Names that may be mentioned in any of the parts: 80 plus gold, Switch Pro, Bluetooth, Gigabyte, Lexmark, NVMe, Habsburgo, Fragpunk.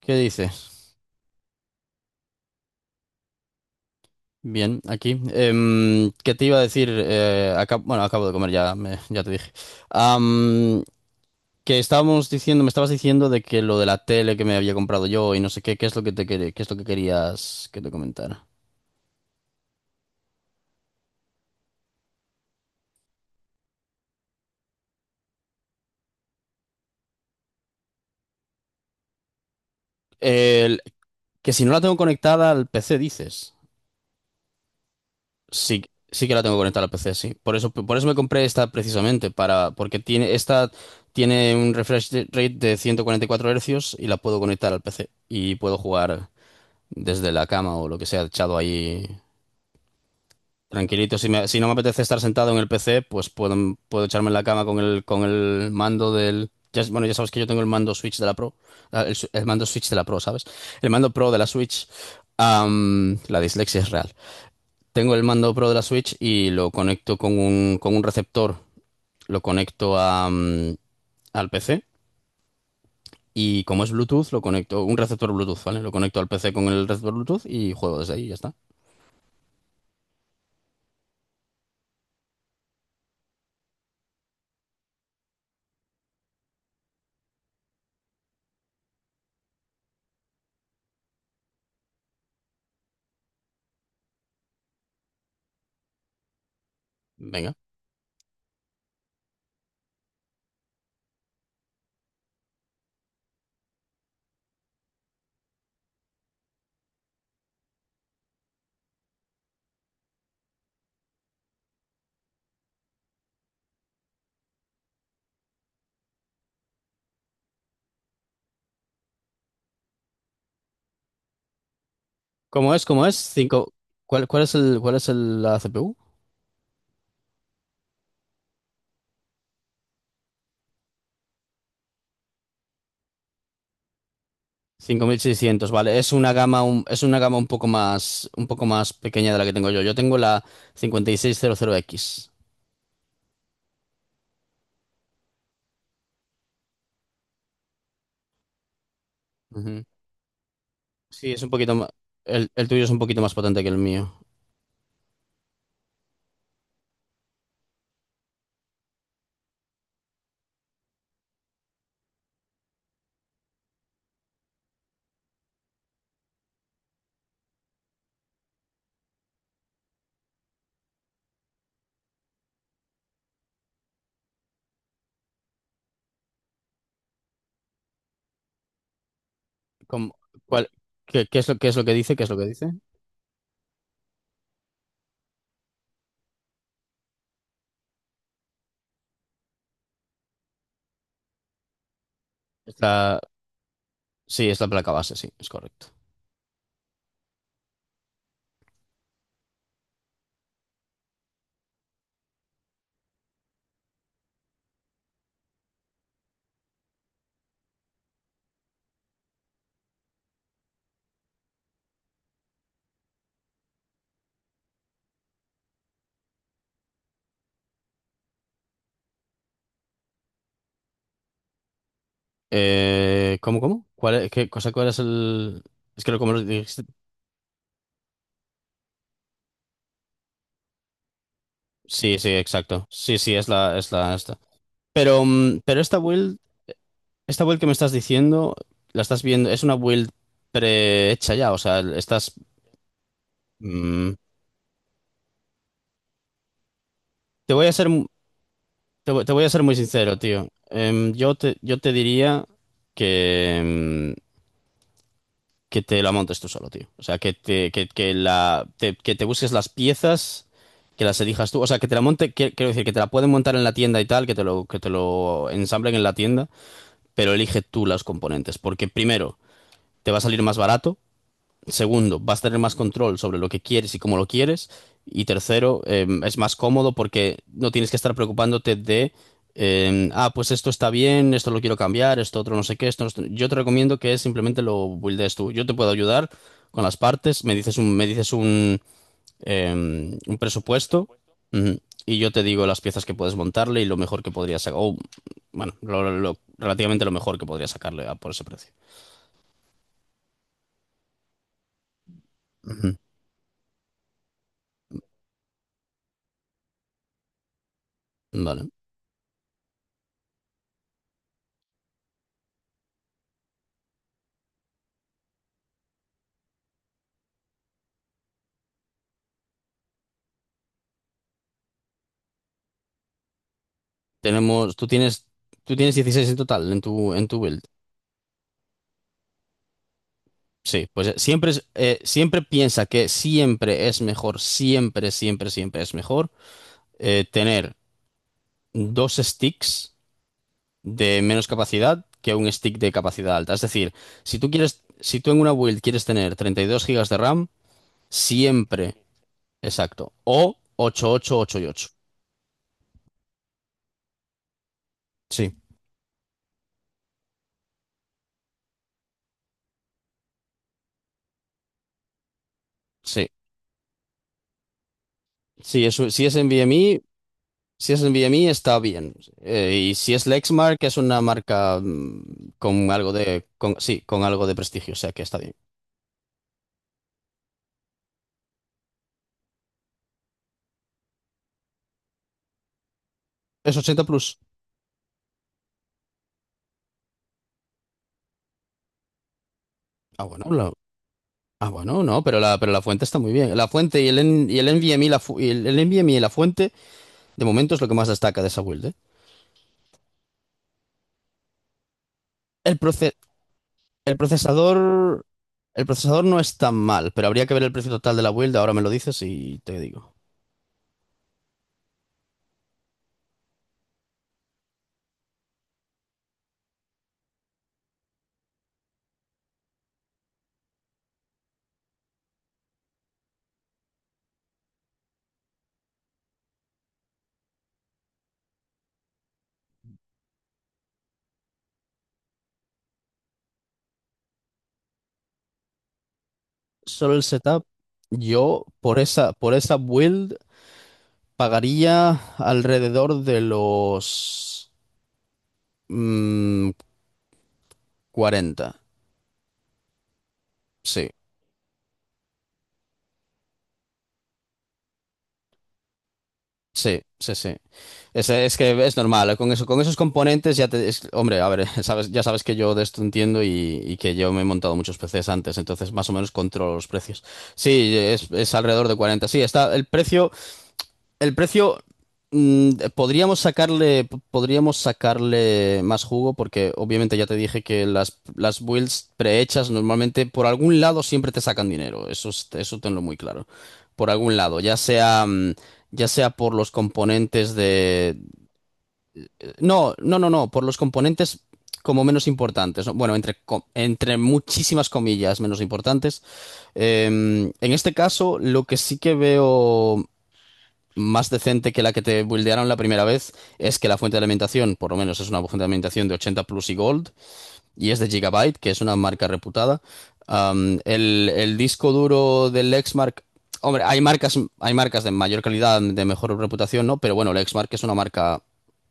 ¿Qué dices? Bien, aquí. ¿Qué te iba a decir? Bueno, acabo de comer, ya, ya te dije. Am, que estábamos diciendo, me estabas diciendo de que lo de la tele que me había comprado yo y no sé qué, qué es lo que te quer- qué es lo que querías que te comentara. El- que si no la tengo conectada al PC, dices. Sí, sí que la tengo conectada al PC, sí. Por eso me compré esta precisamente, porque tiene, esta tiene un rate de 144 Hz y la puedo conectar al PC y puedo jugar. Desde la cama o lo que sea, echado ahí tranquilito. Si si no me apetece estar sentado en el PC, pues puedo echarme en la cama con el mando del... Bueno, ya sabes que yo tengo el mando Switch de la Pro, el mando Switch de la Pro, ¿sabes? El mando Pro de la Switch. La dislexia es real. Tengo el mando Pro de la Switch y lo conecto con un receptor, lo conecto al PC. Y como es Bluetooth, lo conecto, un receptor Bluetooth, ¿vale? Lo conecto al PC con el receptor Bluetooth y juego desde ahí, ya está. Venga. ¿Cómo es? Cinco, ¿cuál es el, la CPU? Seiscientos, vale, es es una gama un poco más pequeña de la que tengo yo. Yo tengo la 5600X. Ujú. Sí, es un poquito más, el tuyo es un poquito más potente que el mío. ¿Cómo- cuál- ¿qué es qué es lo que dice? ¿Qué es lo que dice? Es la- sí, es la placa base, sí, es correcto. Cómo? Qué cosa, cuál es el...? Es que como lo dijiste... Sí, sí, exacto. Sí, sí, es es la esta. Pero esta build que me estás diciendo, la estás viendo, es una build prehecha ya, o sea, estás... mm, te voy a ser, mu- te voy a ser muy sincero, tío. Yo te diría que, mm, que te la montes tú solo, tío. O sea, que te busques las piezas, que las elijas tú. O sea, que te la monte, que- quiero decir, que te la pueden montar en la tienda y tal, que te lo ensamblen en la tienda, pero elige tú las componentes, porque primero, te va a salir más barato. Segundo, vas a tener más control sobre lo que quieres y cómo lo quieres. Y tercero, es más cómodo porque no tienes que estar preocupándote de, pues esto está bien, esto lo quiero cambiar, esto otro no sé qué, esto no- Yo te recomiendo que simplemente lo buildes tú. Yo te puedo ayudar con las partes, me dices eh, un presupuesto ujú, y yo te digo las piezas que puedes montarle y lo mejor que podrías sacar, o bueno, relativamente lo mejor que podrías sacarle por ese precio. Ujú. Vale. Tenemos, tú tienes, tú tienes 16 en total en tu build. Sí, pues siempre, siempre piensa que siempre es mejor, siempre, siempre, siempre es mejor tener dos sticks de menos capacidad que un stick de capacidad alta. Es decir, si tú en una build quieres tener 32 gigas de RAM, siempre, exacto, o 8, 8, 8 y 8. Sí. Sí, sí, eso, Si es en NVMe está bien. Y si es Lexmark es una marca con algo de sí, con algo de prestigio, o sea que está bien. Es 80 plus. Ah, bueno, la- bueno, no, pero pero la fuente está muy bien. La fuente y el NVMe y la fuente, de momento es lo que más destaca de esa build, ¿eh? El proce- el procesador, el procesador no es tan mal, pero habría que ver el precio total de la build. Ahora me lo dices y te digo. Solo el setup, yo por esa build. Pagaría alrededor de los mm, 40. Sí, sí, sí, sí. Es es que es normal. ¿Eh? Con esos componentes ya te... hombre, a ver, ya sabes que yo de esto entiendo y que yo me he montado muchos PCs antes, entonces más o menos controlo los precios. Sí, es alrededor de 40. Sí, está el precio. El precio, podríamos sacarle más jugo porque obviamente ya te dije que las builds prehechas normalmente por algún lado siempre te sacan dinero. Eso, eso tenlo muy claro. Por algún lado, ya sea por los componentes de... No, no, no, no, por los componentes como menos importantes. ¿No? Bueno, entre, entre muchísimas comillas menos importantes. En este caso, lo que sí que veo más decente que la que te buildearon la primera vez es que la fuente de alimentación, por lo menos es una fuente de alimentación de 80 plus y gold, y es de Gigabyte, que es una marca reputada. El el, disco duro del Lexmark, hombre, hay marcas de mayor calidad, de mejor reputación, ¿no? Pero bueno, Lexmark es una marca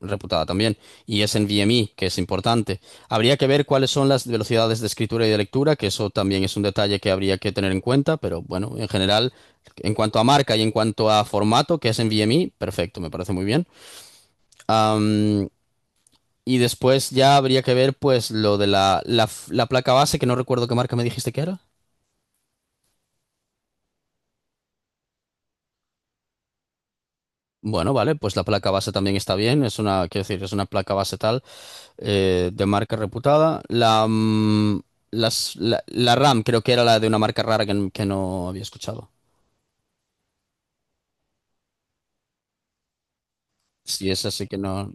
reputada también y es en VMI, que es importante. Habría que ver cuáles son las velocidades de escritura y de lectura, que eso también es un detalle que habría que tener en cuenta, pero bueno, en general, en cuanto a marca y en cuanto a formato, que es en VMI, perfecto, me parece muy bien. Um, y después ya habría que ver pues lo de la placa base, que no recuerdo qué marca me dijiste que era. Bueno, vale, pues la placa base también está bien, es una, quiero decir, es una placa base tal, de marca reputada. La RAM creo que era la de una marca rara que no había escuchado. Sí, esa sí que no.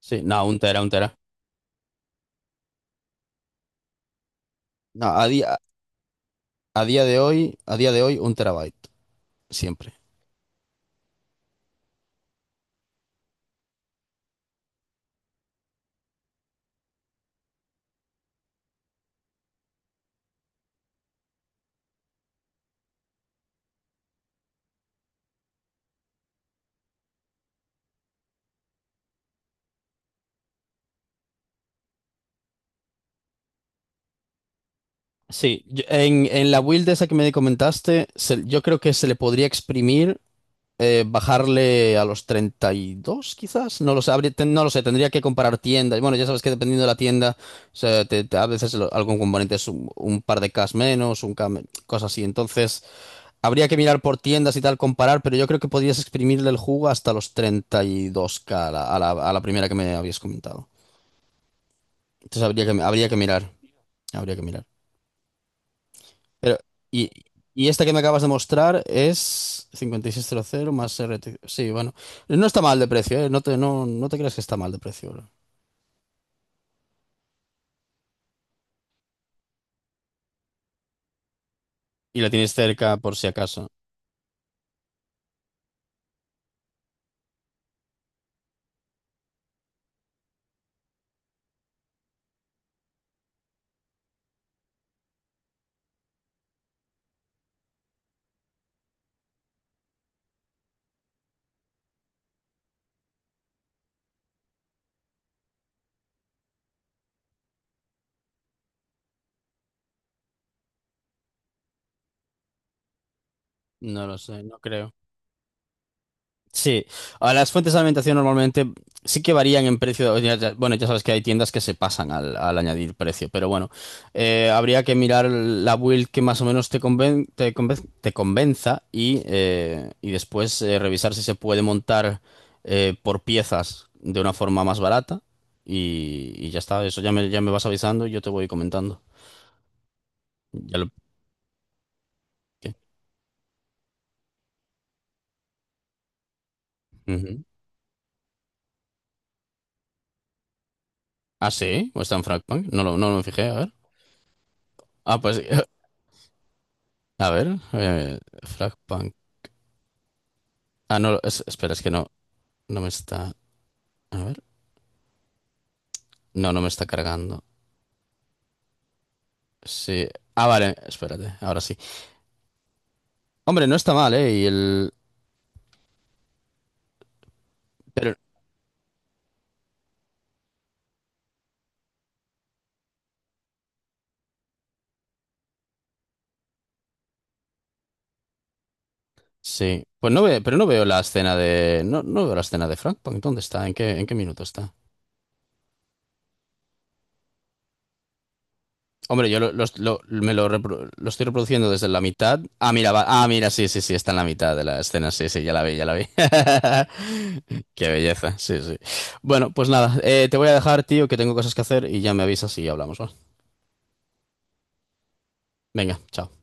Sí, no, un tera. No, a día de hoy, un terabyte, siempre. Sí, en la build esa que me comentaste, yo creo que se le podría exprimir bajarle a los 32 quizás. No lo sé, no lo sé, tendría que comparar tiendas. Bueno, ya sabes que dependiendo de la tienda, o sea, a veces algún componente es un par de Ks menos, un K, cosas así. Entonces, habría que mirar por tiendas y tal, comparar, pero yo creo que podrías exprimirle el jugo hasta los 32K a la, a la primera que me habías comentado. Entonces, habría que, habría que mirar. Pero, y, y esta que me acabas de mostrar es 5600 más RT. Sí, bueno. No está mal de precio, ¿eh? No, no te creas que está mal de precio, bro. Y la tienes cerca por si acaso. No lo sé, no creo. Sí, a las fuentes de alimentación normalmente sí que varían en precio. Bueno, ya sabes que hay tiendas que se pasan al añadir precio, pero bueno, habría que mirar la build que más o menos te convenza y, y después revisar si se puede montar por piezas de una forma más barata y ya está. Eso ya ya me vas avisando y yo te voy comentando. Ya lo... ¿Qué? Ujú. Ah, sí, o está en Fragpunk. No, no me fijé, a ver. Ah, pues a ver, Fragpunk. Ah, no, espera, es que no, no me está. A ver. No, no me está cargando. Sí. Ah, vale, espérate, ahora sí. Hombre, no está mal, ¿eh? Y el. Pero. Sí. Pues no veo, pero no veo la escena de. No, no veo la escena de Frank. Punk. ¿Dónde está? En qué minuto está? Hombre, yo lo, los- lo- me lo, repro- lo estoy reproduciendo desde la mitad. Ah, mira, mira, sí, sí, sí, está en la mitad de la escena. Sí, sí, ya la vi, ya la vi. Qué belleza, sí, sí. Bueno, pues nada, te voy a dejar, tío, que tengo cosas que hacer y ya me avisas y hablamos, ¿va? Venga, chao.